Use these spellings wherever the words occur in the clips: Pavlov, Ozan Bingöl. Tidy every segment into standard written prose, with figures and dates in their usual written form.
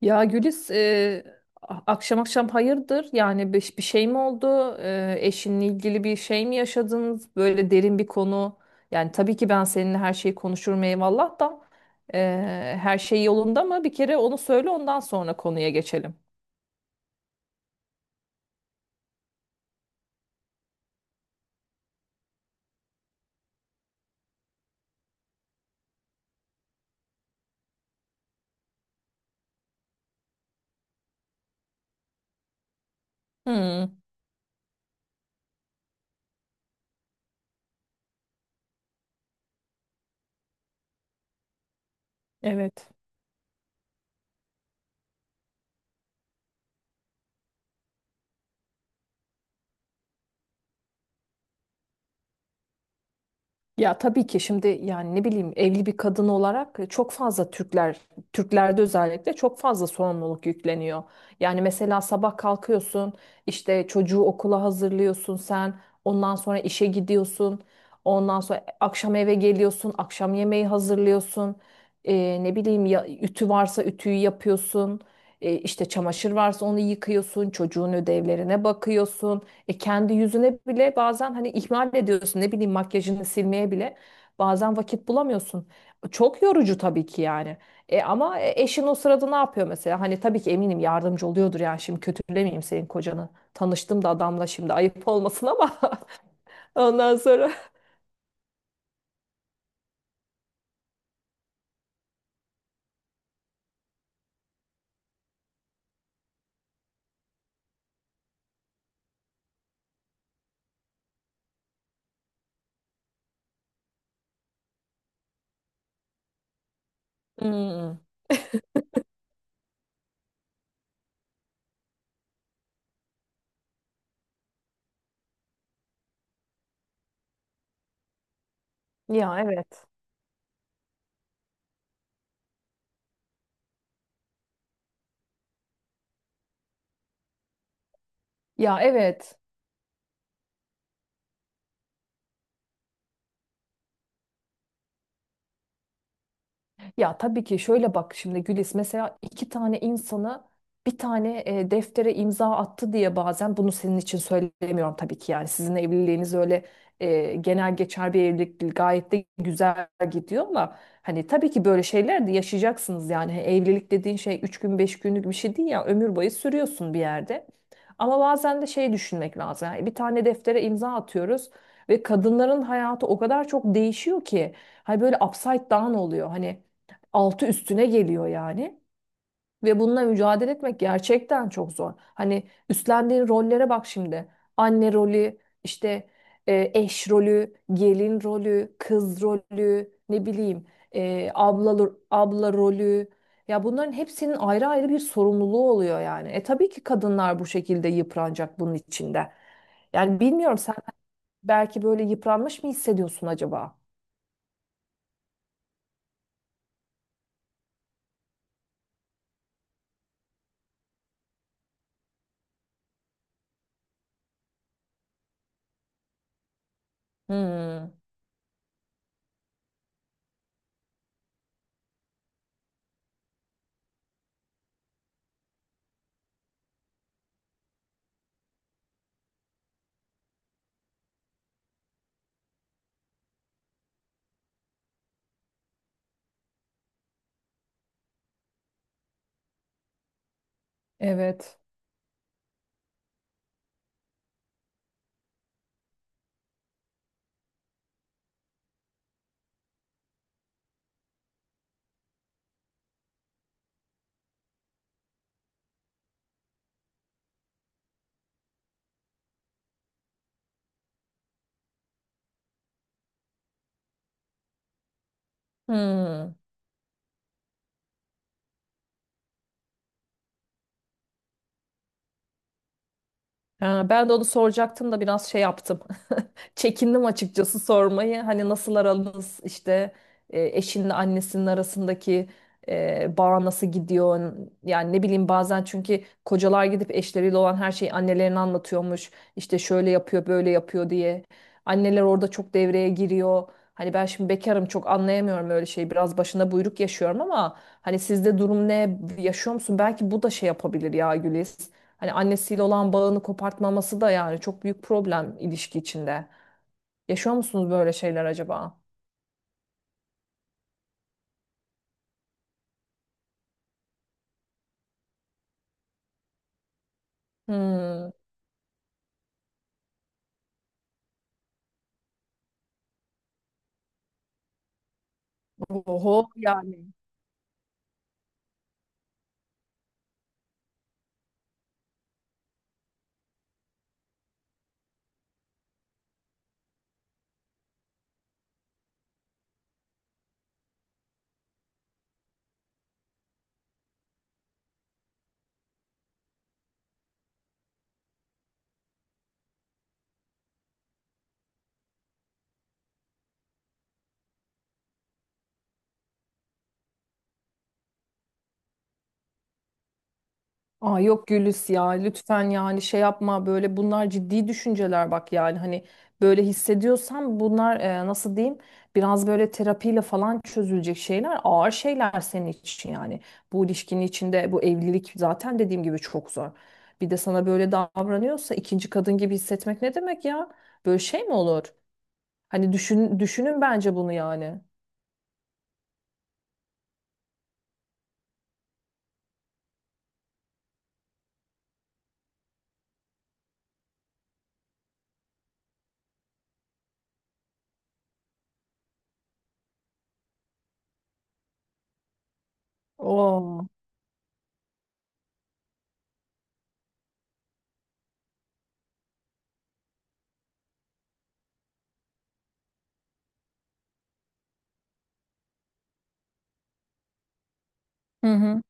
Ya Güliz, akşam akşam hayırdır? Yani bir şey mi oldu? Eşinle ilgili bir şey mi yaşadınız? Böyle derin bir konu. Yani tabii ki ben seninle her şeyi konuşurum eyvallah da e, her şey yolunda mı? Bir kere onu söyle ondan sonra konuya geçelim. Hmm, evet. Ya tabii ki şimdi yani ne bileyim evli bir kadın olarak çok fazla Türklerde özellikle çok fazla sorumluluk yükleniyor. Yani mesela sabah kalkıyorsun, işte çocuğu okula hazırlıyorsun sen, ondan sonra işe gidiyorsun, ondan sonra akşam eve geliyorsun, akşam yemeği hazırlıyorsun. Ne bileyim ya ütü varsa ütüyü yapıyorsun. İşte çamaşır varsa onu yıkıyorsun, çocuğun ödevlerine bakıyorsun. Kendi yüzüne bile bazen hani ihmal ediyorsun, ne bileyim, makyajını silmeye bile bazen vakit bulamıyorsun. Çok yorucu tabii ki yani. Ama eşin o sırada ne yapıyor mesela? Hani tabii ki eminim yardımcı oluyordur, yani şimdi kötülemeyeyim senin kocanı. Tanıştım da adamla, şimdi ayıp olmasın ama ondan sonra. Hmm. Ya evet. Ya evet. Ya tabii ki şöyle bak, şimdi Gülis mesela iki tane insanı bir tane deftere imza attı diye, bazen bunu senin için söylemiyorum tabii ki, yani sizin evliliğiniz öyle genel geçer bir evlilik değil, gayet de güzel gidiyor ama hani tabii ki böyle şeyler de yaşayacaksınız yani. Hani evlilik dediğin şey üç gün beş günlük bir şey değil ya, ömür boyu sürüyorsun bir yerde, ama bazen de şey düşünmek lazım yani, bir tane deftere imza atıyoruz ve kadınların hayatı o kadar çok değişiyor ki hani böyle upside down oluyor, hani altı üstüne geliyor yani. Ve bununla mücadele etmek gerçekten çok zor. Hani üstlendiğin rollere bak şimdi. Anne rolü, işte eş rolü, gelin rolü, kız rolü, ne bileyim abla rolü. Ya bunların hepsinin ayrı ayrı bir sorumluluğu oluyor yani. Tabii ki kadınlar bu şekilde yıpranacak bunun içinde. Yani bilmiyorum, sen belki böyle yıpranmış mı hissediyorsun acaba? Hmm, evet. Hmm. Ha, ben de onu soracaktım da biraz şey yaptım. Çekindim açıkçası sormayı. Hani nasıl aranız, işte eşinle annesinin arasındaki bağ nasıl gidiyor? Yani ne bileyim, bazen çünkü kocalar gidip eşleriyle olan her şeyi annelerine anlatıyormuş. İşte şöyle yapıyor, böyle yapıyor diye. Anneler orada çok devreye giriyor. Hani ben şimdi bekarım, çok anlayamıyorum öyle şeyi. Biraz başına buyruk yaşıyorum ama hani sizde durum ne, yaşıyor musun? Belki bu da şey yapabilir ya Güliz. Hani annesiyle olan bağını kopartmaması da yani çok büyük problem ilişki içinde. Yaşıyor musunuz böyle şeyler acaba? Hmm. Oho yani. Aa yok Gülis, ya lütfen yani şey yapma böyle, bunlar ciddi düşünceler bak, yani hani böyle hissediyorsan bunlar, nasıl diyeyim, biraz böyle terapiyle falan çözülecek şeyler, ağır şeyler senin için yani. Bu ilişkinin içinde bu evlilik zaten dediğim gibi çok zor. Bir de sana böyle davranıyorsa ikinci kadın gibi hissetmek ne demek ya? Böyle şey mi olur? Hani düşünün bence bunu yani. Oo. Hı hı.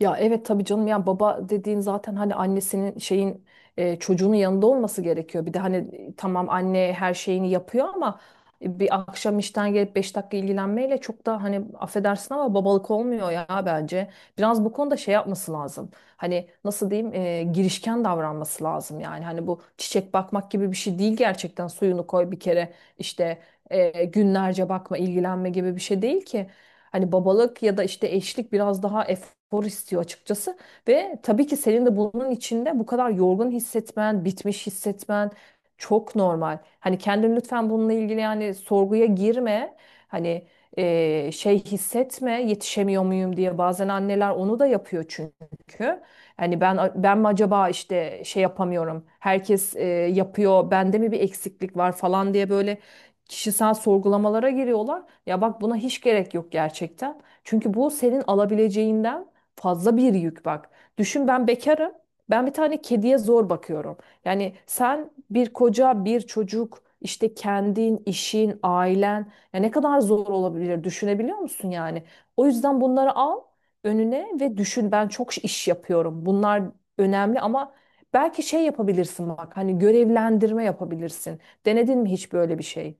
Ya evet tabii canım ya, baba dediğin zaten hani annesinin şeyin, çocuğunun yanında olması gerekiyor. Bir de hani tamam, anne her şeyini yapıyor ama bir akşam işten gelip 5 dakika ilgilenmeyle çok da, hani affedersin ama, babalık olmuyor ya bence. Biraz bu konuda şey yapması lazım. Hani nasıl diyeyim, girişken davranması lazım yani. Hani bu çiçek bakmak gibi bir şey değil gerçekten, suyunu koy bir kere işte, günlerce bakma, ilgilenme gibi bir şey değil ki. Hani babalık ya da işte eşlik biraz daha efor istiyor açıkçası. Ve tabii ki senin de bunun içinde bu kadar yorgun hissetmen, bitmiş hissetmen çok normal. Hani kendin lütfen bununla ilgili yani sorguya girme. Hani şey hissetme, yetişemiyor muyum diye, bazen anneler onu da yapıyor çünkü. Hani ben mi acaba, işte şey yapamıyorum, herkes yapıyor, bende mi bir eksiklik var falan diye böyle kişisel sorgulamalara giriyorlar. Ya bak buna hiç gerek yok gerçekten. Çünkü bu senin alabileceğinden fazla bir yük bak. Düşün, ben bekarım. Ben bir tane kediye zor bakıyorum. Yani sen bir koca, bir çocuk, işte kendin, işin, ailen, ya ne kadar zor olabilir düşünebiliyor musun yani? O yüzden bunları al önüne ve düşün, ben çok iş yapıyorum. Bunlar önemli ama belki şey yapabilirsin bak, hani görevlendirme yapabilirsin. Denedin mi hiç böyle bir şey?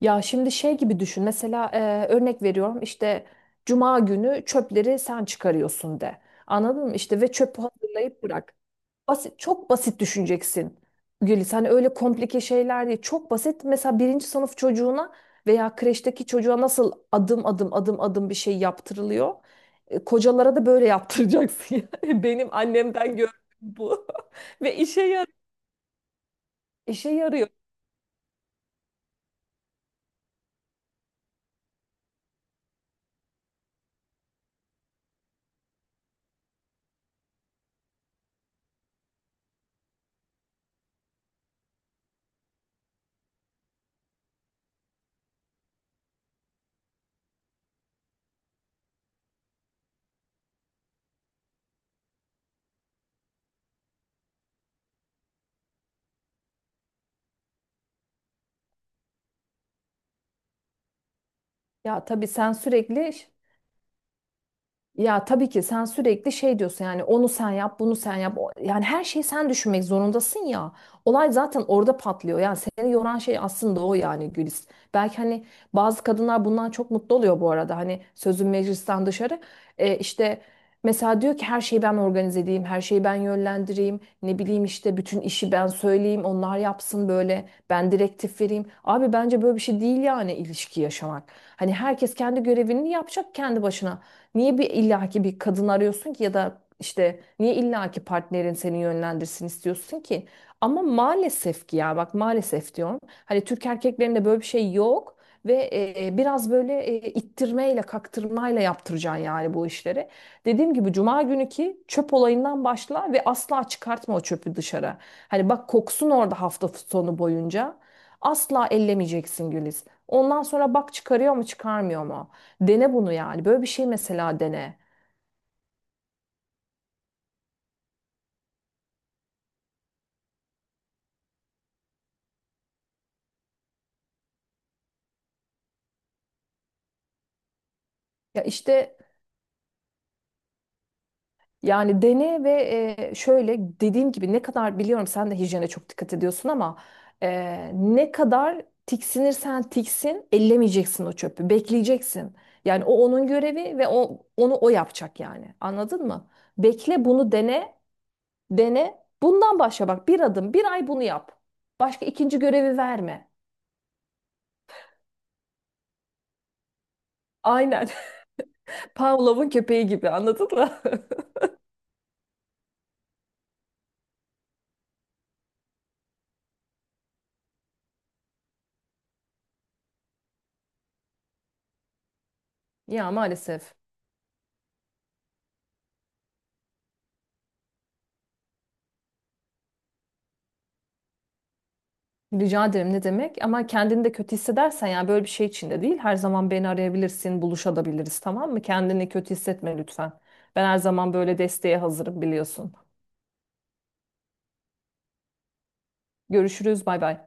Ya şimdi şey gibi düşün. Mesela, örnek veriyorum, işte cuma günü çöpleri sen çıkarıyorsun de. Anladın mı? İşte ve çöpü hazırlayıp bırak. Basit, çok basit düşüneceksin. Gülis hani öyle komplike şeyler değil. Çok basit. Mesela birinci sınıf çocuğuna veya kreşteki çocuğa nasıl adım adım adım adım bir şey yaptırılıyor. Kocalara da böyle yaptıracaksın. yani. Benim annemden gördüğüm bu. Ve işe yarıyor. Ya tabii sen sürekli Ya tabii ki sen sürekli şey diyorsun, yani onu sen yap, bunu sen yap. Yani her şeyi sen düşünmek zorundasın ya. Olay zaten orada patlıyor. Yani seni yoran şey aslında o yani Gülis. Belki hani bazı kadınlar bundan çok mutlu oluyor bu arada. Hani sözün meclisten dışarı. İşte mesela diyor ki, her şeyi ben organize edeyim, her şeyi ben yönlendireyim, ne bileyim işte bütün işi ben söyleyeyim, onlar yapsın böyle, ben direktif vereyim. Abi bence böyle bir şey değil yani ilişki yaşamak. Hani herkes kendi görevini yapacak kendi başına. Niye bir illaki bir kadın arıyorsun ki, ya da işte niye illaki partnerin seni yönlendirsin istiyorsun ki? Ama maalesef ki, ya bak maalesef diyorum. Hani Türk erkeklerinde böyle bir şey yok ve biraz böyle ittirmeyle, kaktırmayla yaptıracaksın yani bu işleri. Dediğim gibi cuma günü ki çöp olayından başla ve asla çıkartma o çöpü dışarı. Hani bak, koksun orada hafta sonu boyunca. Asla ellemeyeceksin Güliz. Ondan sonra bak çıkarıyor mu, çıkarmıyor mu? Dene bunu yani. Böyle bir şey mesela, dene. Ya işte yani dene ve şöyle dediğim gibi, ne kadar biliyorum sen de hijyene çok dikkat ediyorsun ama ne kadar tiksinirsen tiksin, ellemeyeceksin o çöpü. Bekleyeceksin. Yani o onun görevi ve o onu o yapacak yani. Anladın mı? Bekle, bunu dene, dene. Bundan başla bak, bir adım, bir ay bunu yap. Başka ikinci görevi verme. Aynen. Pavlov'un köpeği gibi, anladın mı? Ya maalesef. Rica ederim ne demek, ama kendini de kötü hissedersen, yani böyle bir şey içinde değil, her zaman beni arayabilirsin, buluşabiliriz, tamam mı? Kendini kötü hissetme lütfen. Ben her zaman böyle desteğe hazırım, biliyorsun. Görüşürüz, bay bay.